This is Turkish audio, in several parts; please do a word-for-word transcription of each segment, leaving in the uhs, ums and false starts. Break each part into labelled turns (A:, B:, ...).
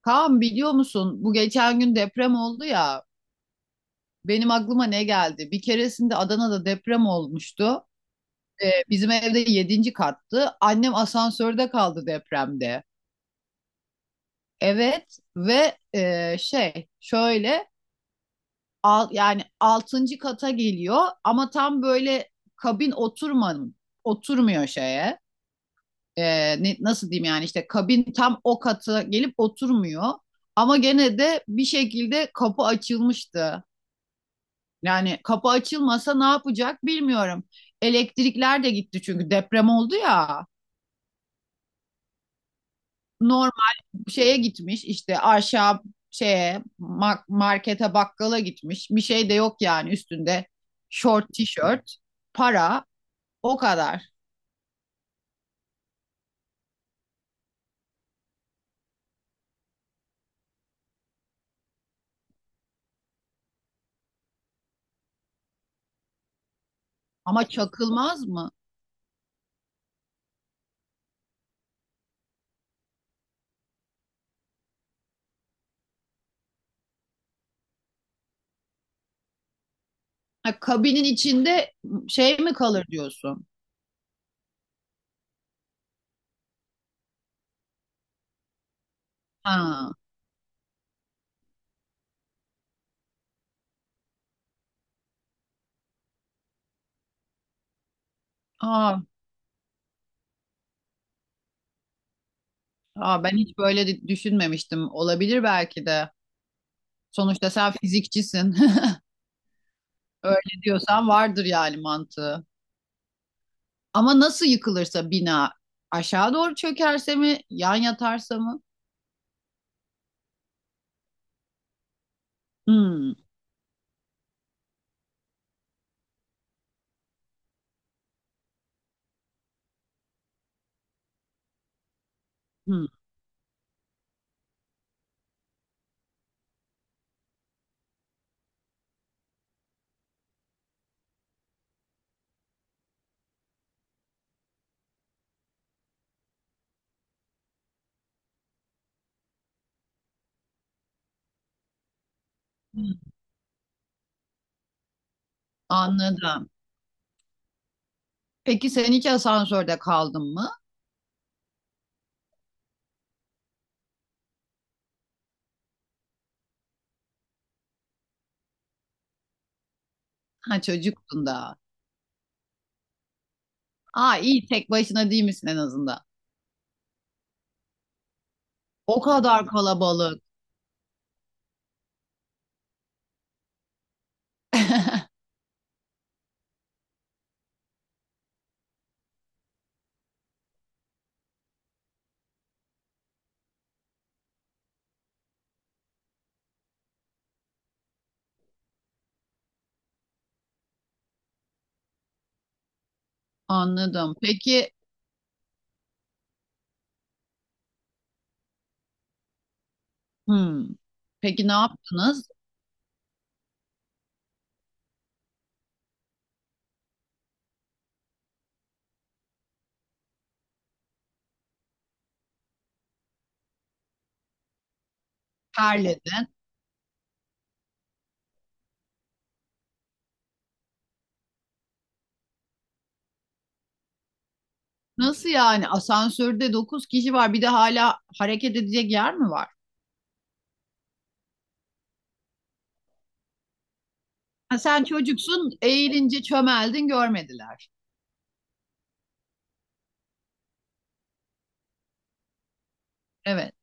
A: Kaan, biliyor musun, bu geçen gün deprem oldu ya, benim aklıma ne geldi? Bir keresinde Adana'da deprem olmuştu. Ee, bizim evde yedinci kattı. Annem asansörde kaldı depremde. Evet ve e, şey şöyle al, yani altıncı kata geliyor ama tam böyle kabin oturmanın oturmuyor şeye. Ee, ne- nasıl diyeyim yani işte kabin tam o kata gelip oturmuyor. Ama gene de bir şekilde kapı açılmıştı. Yani kapı açılmasa ne yapacak bilmiyorum. Elektrikler de gitti çünkü deprem oldu ya. Normal şeye gitmiş işte aşağı şeye ma- markete bakkala gitmiş. Bir şey de yok yani üstünde. Şort, tişört, para, o kadar. Ama çakılmaz mı? Ha, kabinin içinde şey mi kalır diyorsun? Ha. Aa, aa, ben hiç böyle de- düşünmemiştim. Olabilir belki de. Sonuçta sen fizikçisin. Öyle diyorsan vardır yani mantığı. Ama nasıl yıkılırsa bina, aşağı doğru çökerse mi, yan yatarsa mı? Hmm, hmm, hmm. Anladım. Peki sen hiç asansörde kaldın mı? Ha, çocuktun da. Aa, iyi tek başına değil misin en azından? O kadar kalabalık. Anladım. Peki. Hmm. Peki ne yaptınız? Terledin. Nasıl yani? Asansörde dokuz kişi var. Bir de hala hareket edecek yer mi var? Ha, sen çocuksun, eğilince çömeldin, görmediler. Evet.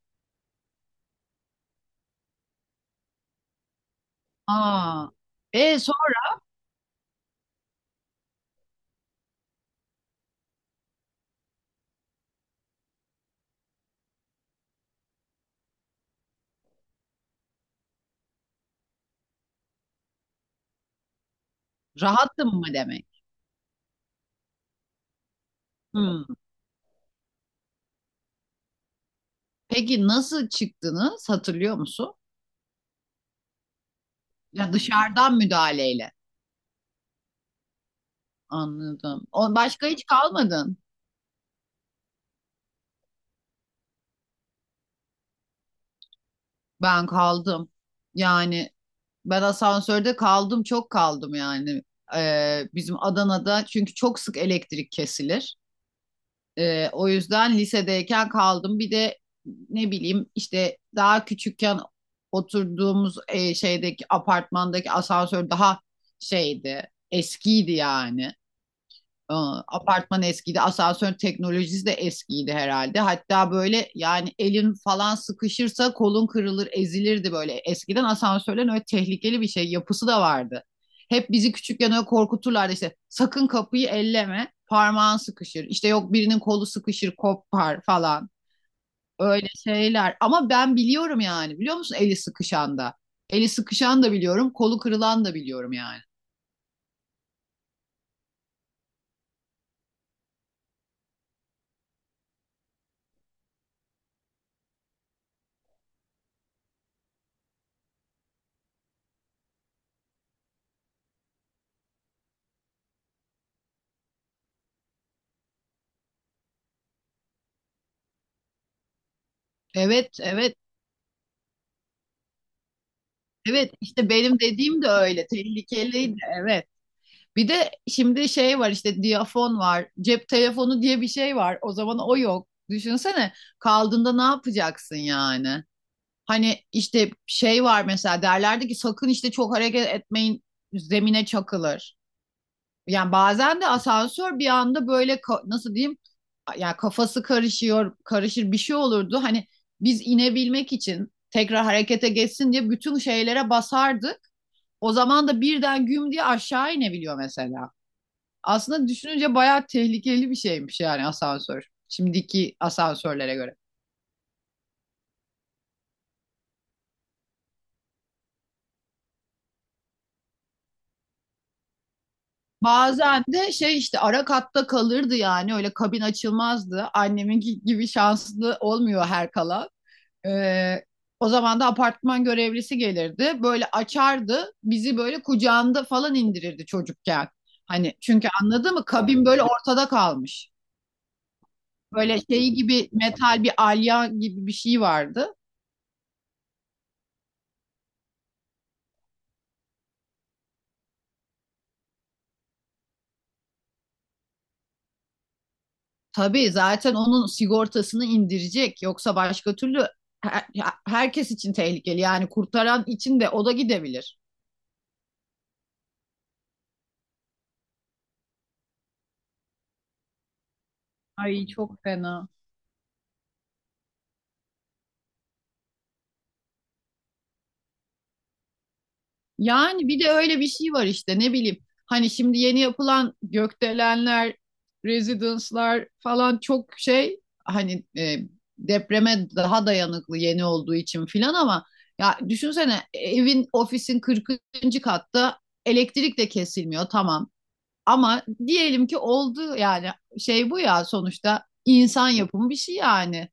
A: Aa, e sonra rahattım mı demek? Hmm. Peki nasıl çıktınız, hatırlıyor musun? Ya, dışarıdan müdahaleyle. Anladım. O başka hiç kalmadın. Ben kaldım. Yani ben asansörde kaldım, çok kaldım yani. Ee, bizim Adana'da çünkü çok sık elektrik kesilir. Ee, o yüzden lisedeyken kaldım. Bir de ne bileyim işte daha küçükken oturduğumuz e, şeydeki apartmandaki asansör daha şeydi, eskiydi yani. Ee, Apartman eskiydi. Asansör teknolojisi de eskiydi herhalde. Hatta böyle yani elin falan sıkışırsa kolun kırılır, ezilirdi böyle. Eskiden asansörlerin öyle tehlikeli bir şey yapısı da vardı. Hep bizi küçükken öyle korkuturlardı işte, sakın kapıyı elleme, parmağın sıkışır. İşte yok birinin kolu sıkışır, kopar falan. Öyle şeyler. Ama ben biliyorum yani. Biliyor musun eli sıkışan da? Eli sıkışan da biliyorum, kolu kırılan da biliyorum yani. Evet, evet. Evet, işte benim dediğim de öyle tehlikeliydi, evet. Bir de şimdi şey var işte, diyafon var, cep telefonu diye bir şey var, o zaman o yok. Düşünsene, kaldığında ne yapacaksın yani? Hani işte şey var, mesela derlerdi ki sakın işte çok hareket etmeyin, zemine çakılır. Yani bazen de asansör bir anda böyle ka- nasıl diyeyim, ya, kafası karışıyor, karışır, bir şey olurdu. Hani biz inebilmek için tekrar harekete geçsin diye bütün şeylere basardık. O zaman da birden güm diye aşağı inebiliyor mesela. Aslında düşününce bayağı tehlikeli bir şeymiş yani asansör. Şimdiki asansörlere göre. Bazen de şey, işte ara katta kalırdı yani, öyle kabin açılmazdı. Anneminki gibi şanslı olmuyor her kalan. Ee, O zaman da apartman görevlisi gelirdi. Böyle açardı. Bizi böyle kucağında falan indirirdi çocukken. Hani, çünkü, anladın mı? Kabin böyle ortada kalmış. Böyle şeyi gibi metal bir alyan gibi bir şey vardı. Tabii zaten onun sigortasını indirecek. Yoksa başka türlü her- herkes için tehlikeli. Yani kurtaran için de, o da gidebilir. Ay, çok fena. Yani bir de öyle bir şey var işte, ne bileyim. Hani şimdi yeni yapılan gökdelenler, residence'lar falan çok şey, hani e, depreme daha dayanıklı yeni olduğu için filan, ama ya düşünsene, evin ofisin kırkıncı katta, elektrik de kesilmiyor, tamam. Ama diyelim ki oldu yani, şey bu ya, sonuçta insan yapımı bir şey yani.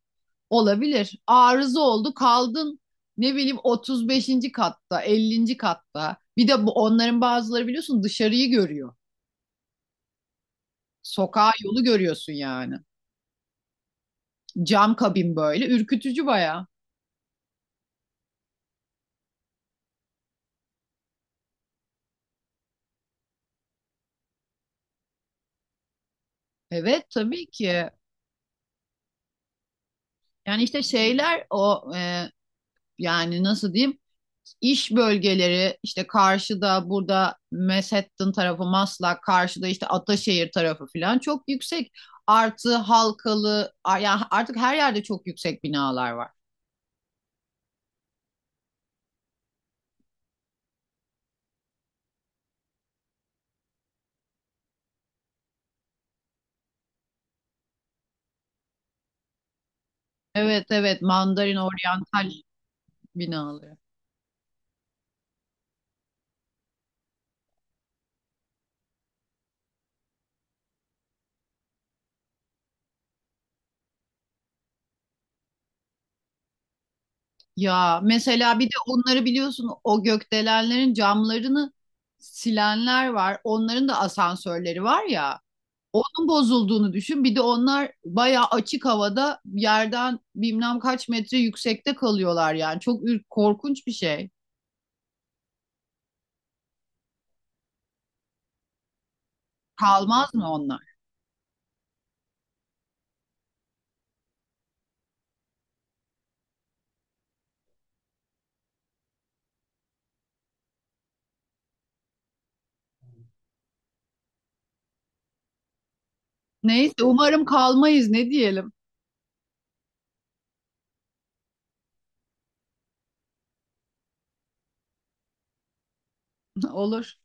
A: Olabilir. Arıza oldu, kaldın ne bileyim otuz beşinci katta, ellinci katta. Bir de bu onların bazıları, biliyorsun, dışarıyı görüyor. Sokağa, yolu görüyorsun yani. Cam kabin böyle ürkütücü bayağı. Evet, tabii ki. Yani işte şeyler o e, yani nasıl diyeyim? İş bölgeleri işte, karşıda burada Manhattan tarafı, Maslak karşıda işte Ataşehir tarafı falan çok yüksek. Artı Halkalı, a- yani artık her yerde çok yüksek binalar var. Evet, evet, Mandarin Oryantal binaları. Ya mesela bir de onları biliyorsun, o gökdelenlerin camlarını silenler var. Onların da asansörleri var ya. Onun bozulduğunu düşün. Bir de onlar bayağı açık havada, yerden bilmem kaç metre yüksekte kalıyorlar yani. Çok ür- korkunç bir şey. Kalmaz mı onlar? Neyse, umarım kalmayız, ne diyelim. Olur.